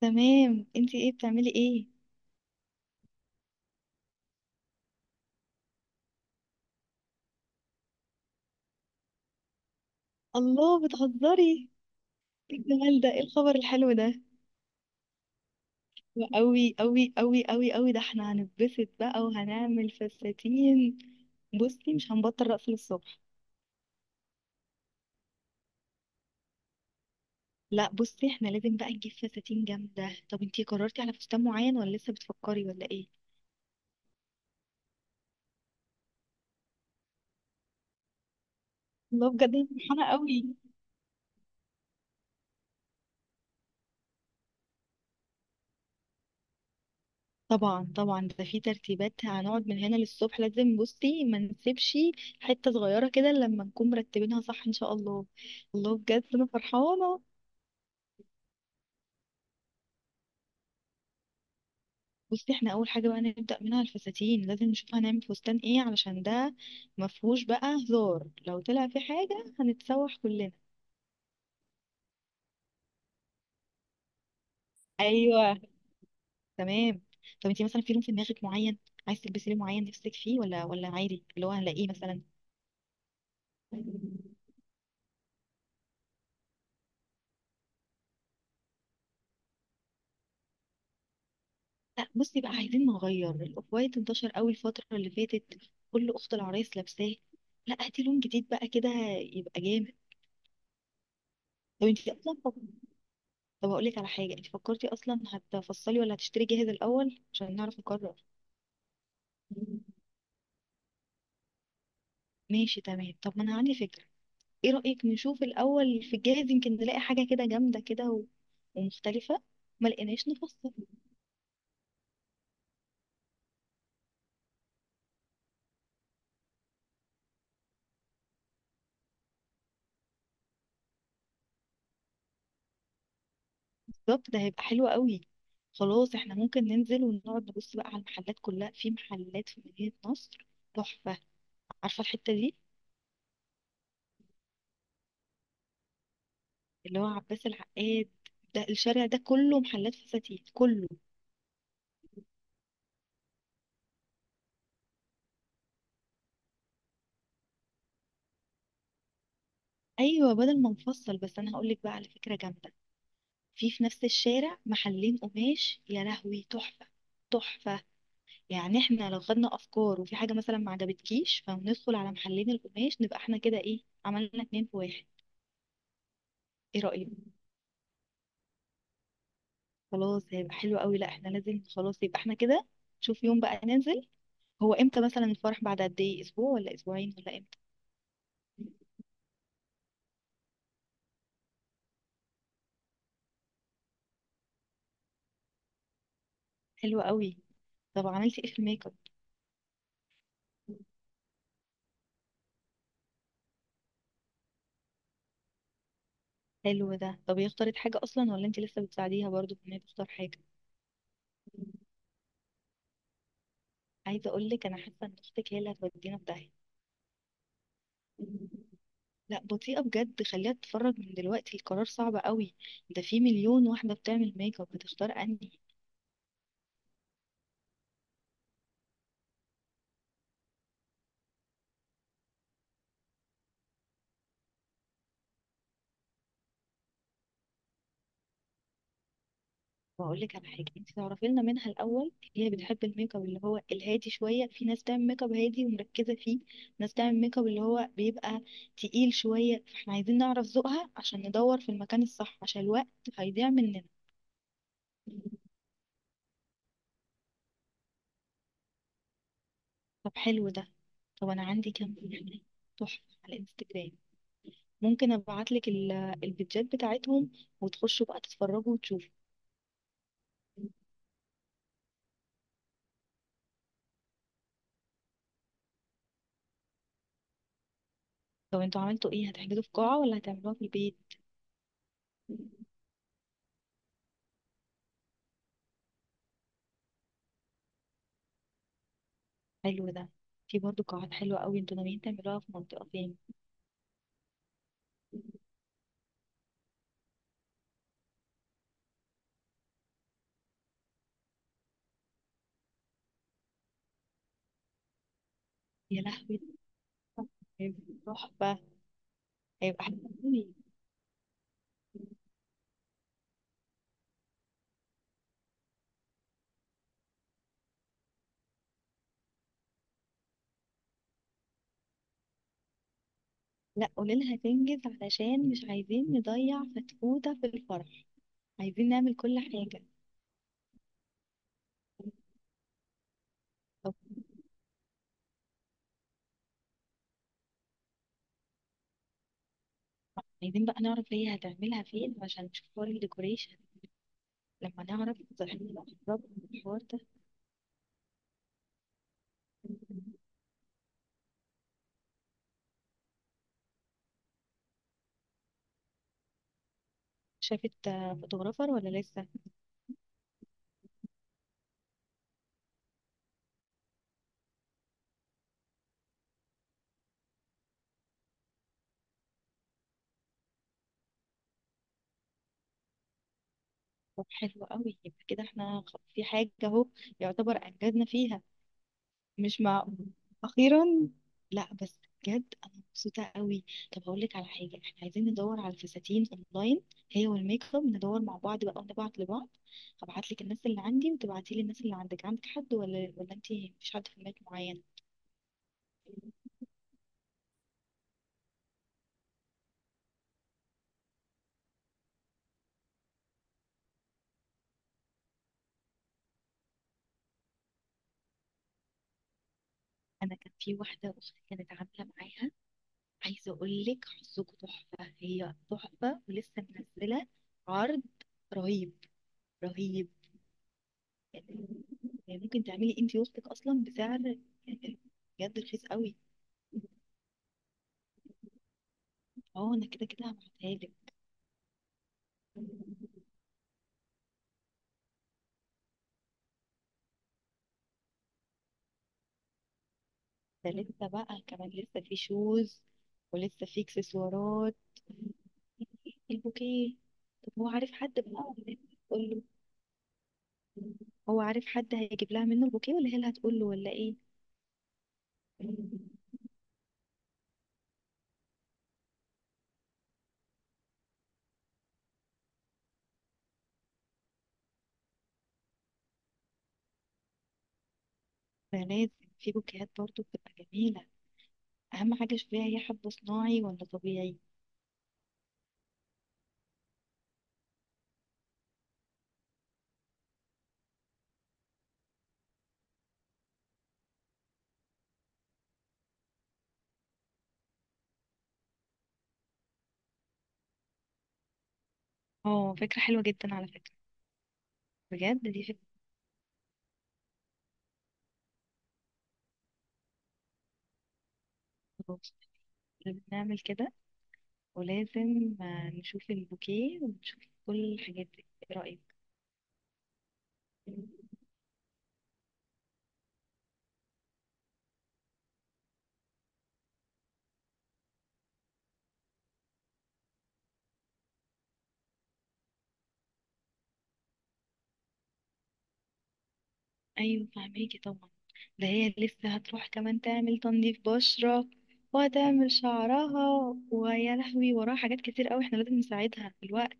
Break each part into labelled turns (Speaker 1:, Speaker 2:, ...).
Speaker 1: تمام، انتي ايه بتعملي ايه؟ الله، بتهزري؟ ايه الجمال ده؟ ايه الخبر الحلو ده؟ وقوي قوي قوي قوي قوي، ده احنا هنتبسط بقى وهنعمل فساتين. بصي مش هنبطل رقص للصبح. لا بصي، احنا لازم بقى نجيب فساتين جامدة. طب انتي قررتي على فستان معين ولا لسه بتفكري ولا ايه؟ الله بجد، انا فرحانة قوي. طبعا طبعا، ده في ترتيبات هنقعد من هنا للصبح، لازم بصي ما نسيبش حتة صغيرة كده لما نكون مرتبينها صح ان شاء الله. الله بجد انا فرحانة. بصي احنا اول حاجه بقى نبدا منها الفساتين، لازم نشوف هنعمل فستان ايه، علشان ده مفهوش بقى هزار، لو طلع في حاجه هنتسوح كلنا. ايوه. تمام. طب انتي مثلا في لون في دماغك معين، عايز تلبسي لون معين نفسك فيه، ولا عادي اللي هو هنلاقيه مثلا؟ لا بصي بقى، عايزين نغير الاوف وايت، انتشر قوي الفتره اللي فاتت، كل اخت العرايس لابساه. لا هاتي لون جديد بقى كده، يبقى جامد. طب انتي اصلا، طب هقول لك على حاجه، انتي فكرتي اصلا هتفصلي ولا هتشتري جاهز الاول عشان نعرف نقرر؟ ماشي تمام، طب ما انا عندي فكرة. ايه رأيك نشوف الاول في الجاهز، يمكن نلاقي حاجة كده جامدة كده ومختلفة ما لقيناش نفصل. بالظبط، ده هيبقى حلو قوي. خلاص، احنا ممكن ننزل ونقعد نبص بقى على المحلات كلها. في محلات في مدينة نصر تحفة، عارفة الحتة دي اللي هو عباس العقاد؟ ده الشارع ده كله محلات فساتين، كله. ايوه بدل ما نفصل. بس انا هقول لك بقى على فكرة جامدة، في نفس الشارع محلين قماش يا لهوي، تحفة تحفة. يعني احنا لو خدنا افكار وفي حاجه مثلا ما عجبتكيش، فندخل على محلين القماش، نبقى احنا كده ايه، عملنا اتنين في واحد. ايه رايك؟ خلاص هيبقى حلو قوي. لا احنا لازم، خلاص يبقى احنا كده. شوف يوم بقى ننزل. هو امتى مثلا الفرح؟ بعد قد ايه، اسبوع ولا اسبوعين ولا امتى؟ حلو قوي. طب عملتي ايه في الميك اب؟ حلو ده. طب هي اختارت حاجه اصلا ولا انت لسه بتساعديها برضو في ان هي تختار حاجه؟ عايزه اقول لك انا حاسه ان اختك هي اللي هتودينا في داهيه. لا بطيئة بجد، خليها تتفرج من دلوقتي، القرار صعب قوي، ده في مليون واحدة بتعمل ميك اب، هتختار انهي. واقول لك على حاجة، انت تعرفي لنا منها الاول، هي بتحب الميك اب اللي هو الهادي شوية؟ في ناس تعمل ميك اب هادي ومركزة فيه، ناس تعمل ميك اب اللي هو بيبقى تقيل شوية، فاحنا عايزين نعرف ذوقها عشان ندور في المكان الصح، عشان الوقت هيضيع مننا. طب حلو ده. طب انا عندي كام فكرة تحفة على انستجرام، ممكن ابعت لك الفيديوهات بتاعتهم وتخشوا بقى تتفرجوا وتشوفوا. طب انتوا عملتوا ايه، هتحجزوا في قاعة ولا هتعملوها في البيت؟ حلو ده. في برضه قاعات حلوة قوي. انتوا ناويين تعملوها في منطقة فين؟ يا لهوي، هيبقى تحفة، هيبقى حلو قوي. لا قوليلها تنجز، علشان مش عايزين نضيع فتفوتة في الفرح، عايزين نعمل كل حاجة. طب عايزين بقى نعرف هي هتعملها فين، عشان نشوف حوار الديكوريشن لما نعرف هتبقى بالظبط الحوار ده. شافت آه، فوتوغرافر ولا لسه؟ طب حلو قوي، يبقى كده احنا في حاجة اهو يعتبر انجزنا فيها. مش معقول، اخيرا. لا بس بجد انا مبسوطة قوي. طب هقول لك على حاجة، احنا عايزين ندور على الفساتين اونلاين، هي والميك اب، ندور مع بعض بقى ونبعت لبعض. هبعت لك الناس اللي عندي وتبعتي لي الناس اللي عندك. عندك حد ولا انت مفيش حد في دماغك معين؟ انا كان في واحدة اختي كانت عاملة معاها، عايزة اقول لك حظكم تحفة، هي تحفة، ولسه منزلة عرض رهيب، رهيب. يعني ممكن تعملي انتي وسطك اصلا بسعر، يعني بجد رخيص قوي. اه انا كده كده هبعتها لك. ده لسه بقى كمان، لسه في شوز، ولسه في اكسسوارات، البوكيه. طب هو عارف حد بقى تقول له؟ هو عارف حد هيجيب لها منه البوكيه، ولا هي اللي هتقول له ولا ايه؟ ده لازم، في بوكيهات برضو بتبقى جميلة. أهم حاجة شوفيها هي حب صناعي ولا طبيعي. اه فكرة حلوة جدا على فكرة، بجد دي فكرة، لازم نعمل كده، ولازم آه، نشوف البوكيه ونشوف كل الحاجات دي. ايه رأيك؟ ايوه فهميكي طبعا. ده هي لسه هتروح كمان تعمل تنظيف بشرة، وهتعمل شعرها، ويا لهوي وراها حاجات كتير قوي، احنا لازم نساعدها في الوقت.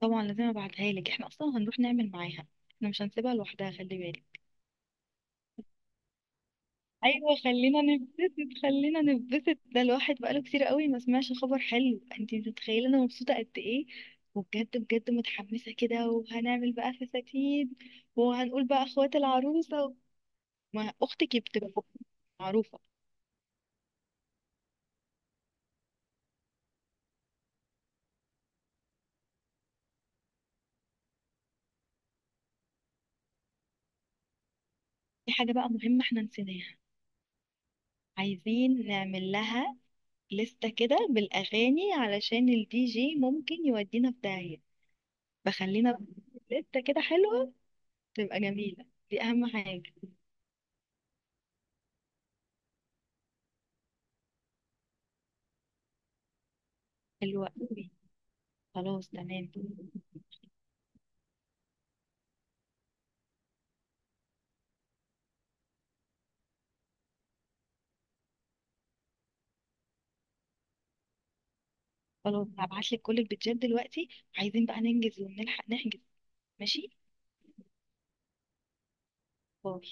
Speaker 1: طبعا لازم ابعتها لك، احنا اصلا هنروح نعمل معاها، احنا مش هنسيبها لوحدها، خلي بالك. ايوه خلينا نتبسط، خلينا نتبسط، ده الواحد بقاله كتير قوي ما سمعش خبر حلو، انت متخيله انا مبسوطه قد ايه؟ وبجد بجد متحمسه كده، وهنعمل بقى فساتين، وهنقول بقى اخوات العروسه، ما اختك بتبقى معروفه. في حاجه بقى مهمه احنا نسيناها، عايزين نعمل لها لستة كده بالأغاني، علشان الدي جي ممكن يودينا في داهية، فخلينا لستة كده حلوة تبقى جميلة، دي أهم حاجة. الوقت، خلاص تمام. خلاص هبعت لك كل البيتزات دلوقتي، عايزين بقى ننجز ونلحق نحجز. ماشي، باي.